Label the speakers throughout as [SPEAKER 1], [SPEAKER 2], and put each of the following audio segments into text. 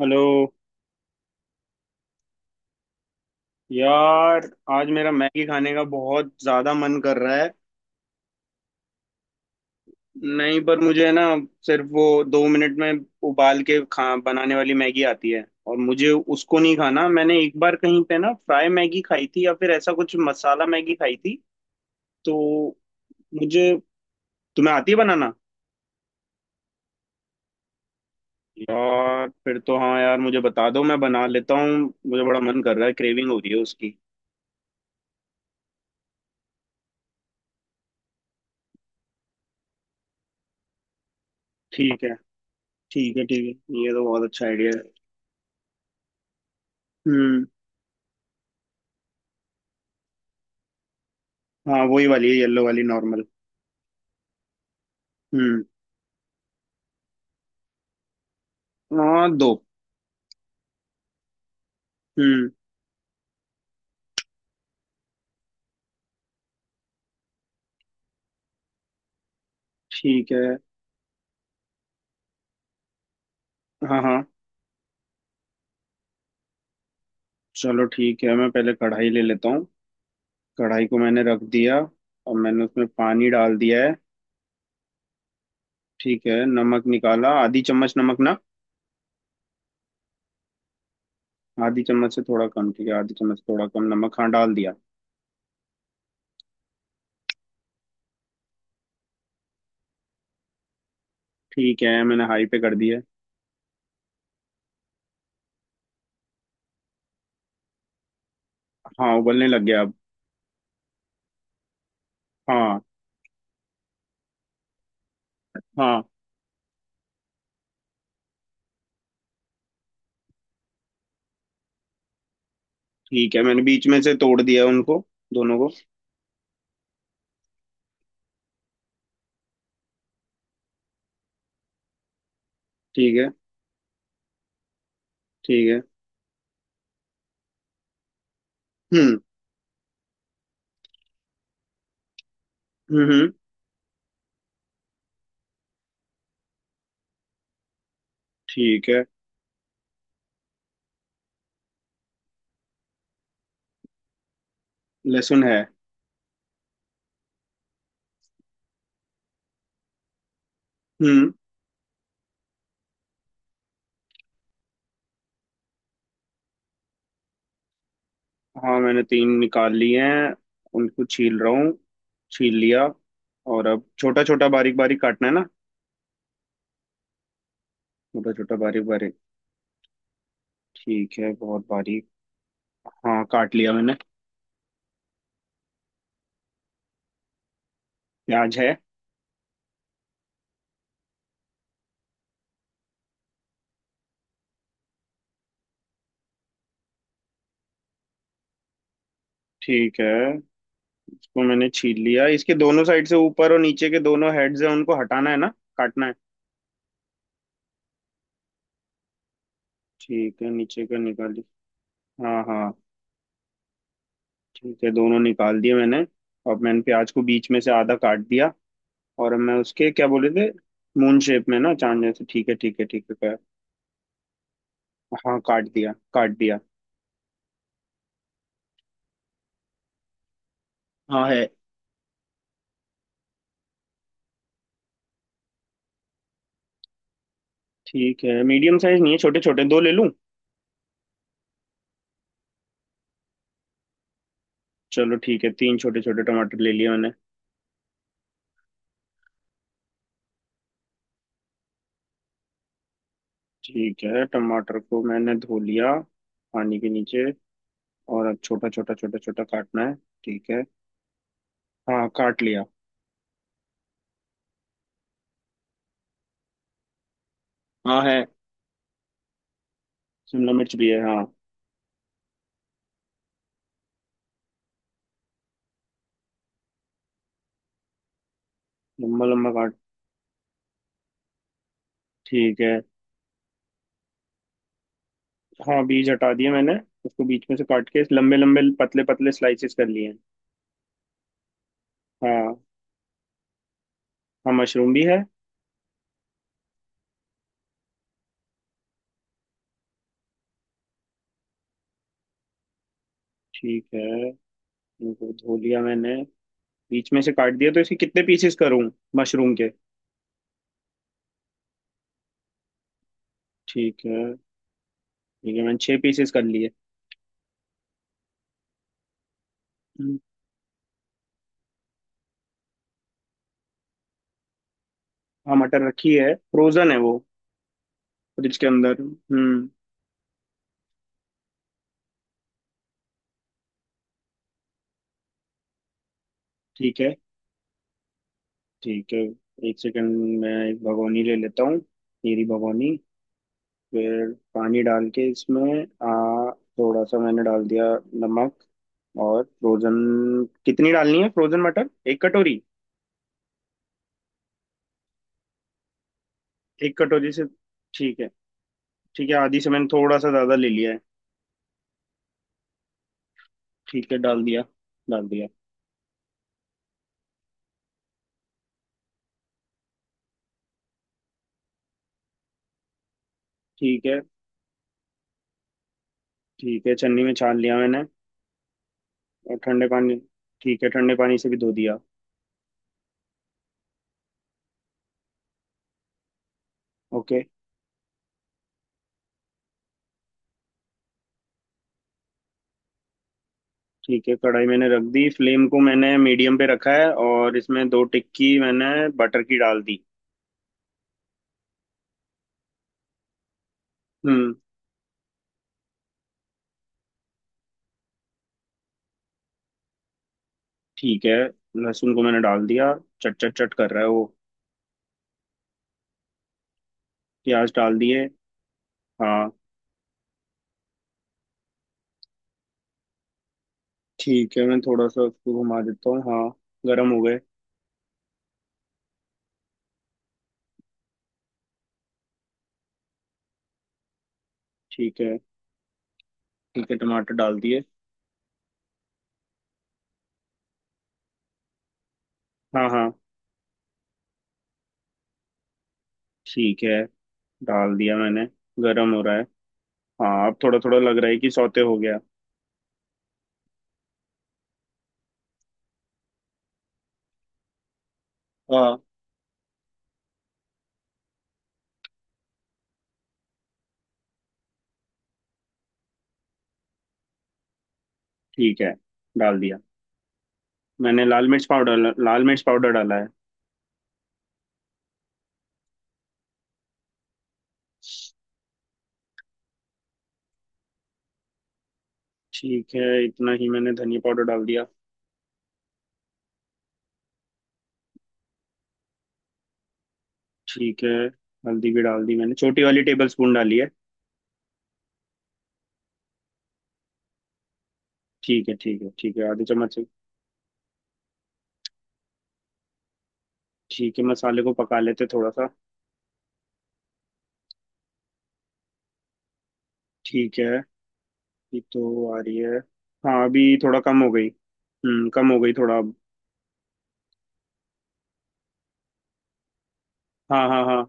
[SPEAKER 1] Hello यार। आज मेरा मैगी खाने का बहुत ज्यादा मन कर रहा है। नहीं, पर मुझे ना सिर्फ वो 2 मिनट में उबाल के खा बनाने वाली मैगी आती है और मुझे उसको नहीं खाना। मैंने एक बार कहीं पे ना फ्राई मैगी खाई थी या फिर ऐसा कुछ मसाला मैगी खाई थी। तो मुझे तुम्हें आती है बनाना? यार, फिर तो हाँ यार मुझे बता दो, मैं बना लेता हूँ। मुझे बड़ा मन कर रहा है, क्रेविंग हो रही है उसकी। ठीक है ठीक है ठीक है, ये तो बहुत अच्छा आइडिया है। हम्म। हाँ वही वाली है, येलो वाली नॉर्मल। हम्म। हाँ, दो। हम्म। ठीक है। हाँ हाँ। चलो ठीक है, मैं पहले कढ़ाई ले लेता हूँ। कढ़ाई को मैंने रख दिया। और मैंने उसमें पानी डाल दिया है। ठीक है, नमक निकाला, आधी चम्मच नमक ना? आधी चम्मच से थोड़ा कम, ठीक है, आधी चम्मच से थोड़ा कम नमक, हाँ डाल दिया। ठीक है, मैंने हाई पे कर दिया। हाँ, उबलने लग गया अब। हाँ हाँ। ठीक है, मैंने बीच में से तोड़ दिया उनको, दोनों को। ठीक है। ठीक है। हम्म हम्म। ठीक है। लहसुन है। हम्म। हाँ, मैंने तीन निकाल लिए हैं। उनको छील रहा हूँ। छील लिया। और अब छोटा छोटा बारीक बारीक काटना है ना? छोटा छोटा बारीक बारीक। ठीक है, बहुत बारीक। हाँ, काट लिया मैंने। प्याज है। ठीक है, इसको मैंने छील लिया। इसके दोनों साइड से ऊपर और नीचे के दोनों हेड्स हैं, उनको हटाना है ना? काटना है। ठीक है, नीचे का निकाली। हाँ हाँ। ठीक है, दोनों निकाल दिए मैंने। अब मैंने प्याज को बीच में से आधा काट दिया। और मैं उसके, क्या बोले थे? मून शेप में ना, चांद जैसे। ठीक है ठीक है ठीक है। हाँ काट दिया काट दिया। हाँ है। ठीक है, मीडियम साइज नहीं है, छोटे छोटे दो ले लूं? चलो ठीक है, तीन छोटे छोटे टमाटर ले लिए मैंने। ठीक है, टमाटर को मैंने धो लिया पानी के नीचे। और अब छोटा छोटा छोटा छोटा काटना है। ठीक है। हाँ, काट लिया। हाँ है। शिमला मिर्च भी है, हाँ। लम्बा लम्बा काट। ठीक है। हाँ, बीज हटा दिए मैंने, उसको बीच में से काट के लंबे लंबे पतले पतले स्लाइसेस कर लिए हैं। हाँ। हाँ, मशरूम भी है। ठीक है, इनको धो लिया मैंने, बीच में से काट दिया, तो इसके कितने पीसेस करूं, मशरूम के? ठीक है। ठीक है, मैंने 6 पीसेस कर लिए। हम्म, हाँ, मटर रखी है, फ्रोजन है वो, फ्रिज के अंदर। हम्म। ठीक है। ठीक है, एक सेकंड मैं एक भगोनी ले लेता हूँ, मेरी भगोनी। फिर पानी डाल के इसमें। आ, थोड़ा सा मैंने डाल दिया। नमक। और फ्रोजन। कितनी डालनी है फ्रोजन मटर, एक कटोरी? एक कटोरी से। ठीक है, ठीक है, आधी से मैंने थोड़ा सा ज्यादा ले लिया है। ठीक है, डाल दिया। डाल दिया। ठीक है। ठीक है, छन्नी में छान लिया मैंने। और ठंडे पानी। ठीक है, ठंडे पानी से भी धो दिया। ओके। ठीक है, कढ़ाई मैंने रख दी, फ्लेम को मैंने मीडियम पे रखा है, और इसमें दो टिक्की मैंने बटर की डाल दी। हम्म। ठीक है, लहसुन को मैंने डाल दिया, चट चट चट कर रहा है वो। प्याज डाल दिए। हाँ। ठीक है, मैं थोड़ा सा उसको घुमा देता हूँ, हाँ। गर्म हो गए। ठीक है। ठीक है, टमाटर डाल दिए। हाँ हाँ। ठीक है, डाल दिया मैंने। गर्म हो रहा है। हाँ, अब थोड़ा थोड़ा लग रहा है कि सौते हो गया। हाँ। ठीक है, डाल दिया मैंने लाल मिर्च पाउडर। लाल मिर्च पाउडर डाला है। ठीक है, इतना ही मैंने धनिया पाउडर डाल दिया। ठीक है, हल्दी भी डाल दी मैंने, छोटी वाली टेबल स्पून डाली है। ठीक है ठीक है ठीक है, आधे चम्मच से। ठीक है, मसाले को पका लेते थोड़ा सा। ठीक है। ये तो आ रही है। हाँ, अभी थोड़ा कम हो गई, कम हो गई थोड़ा अब। हाँ हाँ हाँ।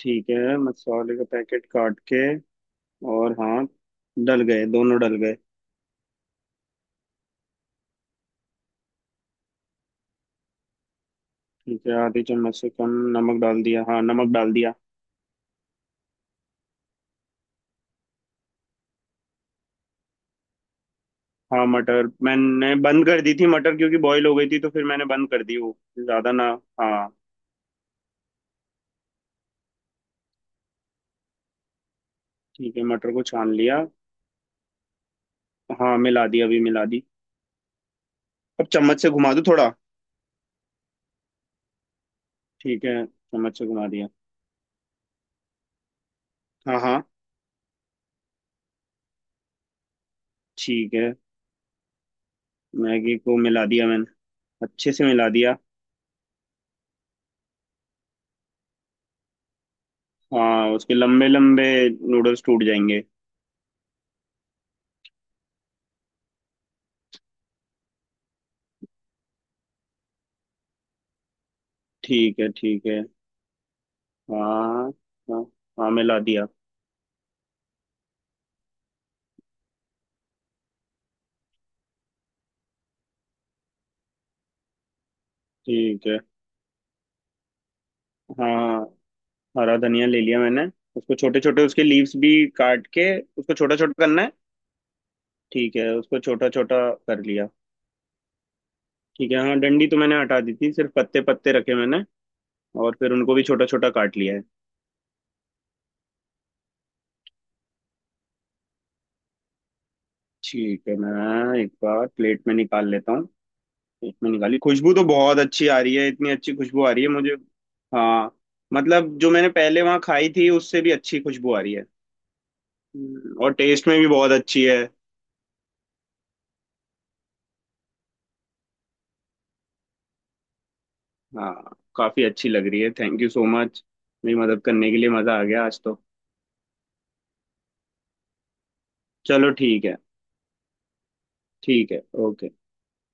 [SPEAKER 1] ठीक है, मसाले का पैकेट काट के। और हाँ। डल गए, दोनों डल गए। ठीक है, आधे चम्मच से कम। नमक डाल दिया, हाँ नमक डाल दिया। हाँ, मटर मैंने बंद कर दी थी मटर, क्योंकि बॉईल हो गई थी तो फिर मैंने बंद कर दी वो, ज्यादा ना। हाँ। ठीक है, मटर को छान लिया। हाँ मिला दी, अभी मिला दी। अब चम्मच से घुमा दूँ थोड़ा? ठीक है, चम्मच से घुमा दिया। हाँ हाँ। ठीक है, मैगी को मिला दिया मैंने। अच्छे से मिला दिया। हाँ, उसके लंबे लंबे नूडल्स टूट जाएंगे। ठीक है ठीक है। हाँ हाँ हाँ, मिला दिया। ठीक है। हाँ, हरा धनिया ले लिया मैंने, उसको छोटे छोटे, उसके लीव्स भी काट के, उसको छोटा छोटा करना है। ठीक है, उसको छोटा छोटा कर लिया। ठीक है, हाँ, डंडी तो मैंने हटा दी थी, सिर्फ पत्ते पत्ते रखे मैंने, और फिर उनको भी छोटा छोटा काट लिया है। ठीक है, मैं एक बार प्लेट में निकाल लेता हूँ। प्लेट में निकाली, खुशबू तो बहुत अच्छी आ रही है, इतनी अच्छी खुशबू आ रही है मुझे। हाँ। मतलब जो मैंने पहले वहाँ खाई थी उससे भी अच्छी खुशबू आ रही है। और टेस्ट में भी बहुत अच्छी है। हाँ, काफी अच्छी लग रही है, थैंक यू सो मच मेरी मदद करने के लिए, मजा आ गया आज तो। चलो ठीक है, ठीक है, ओके।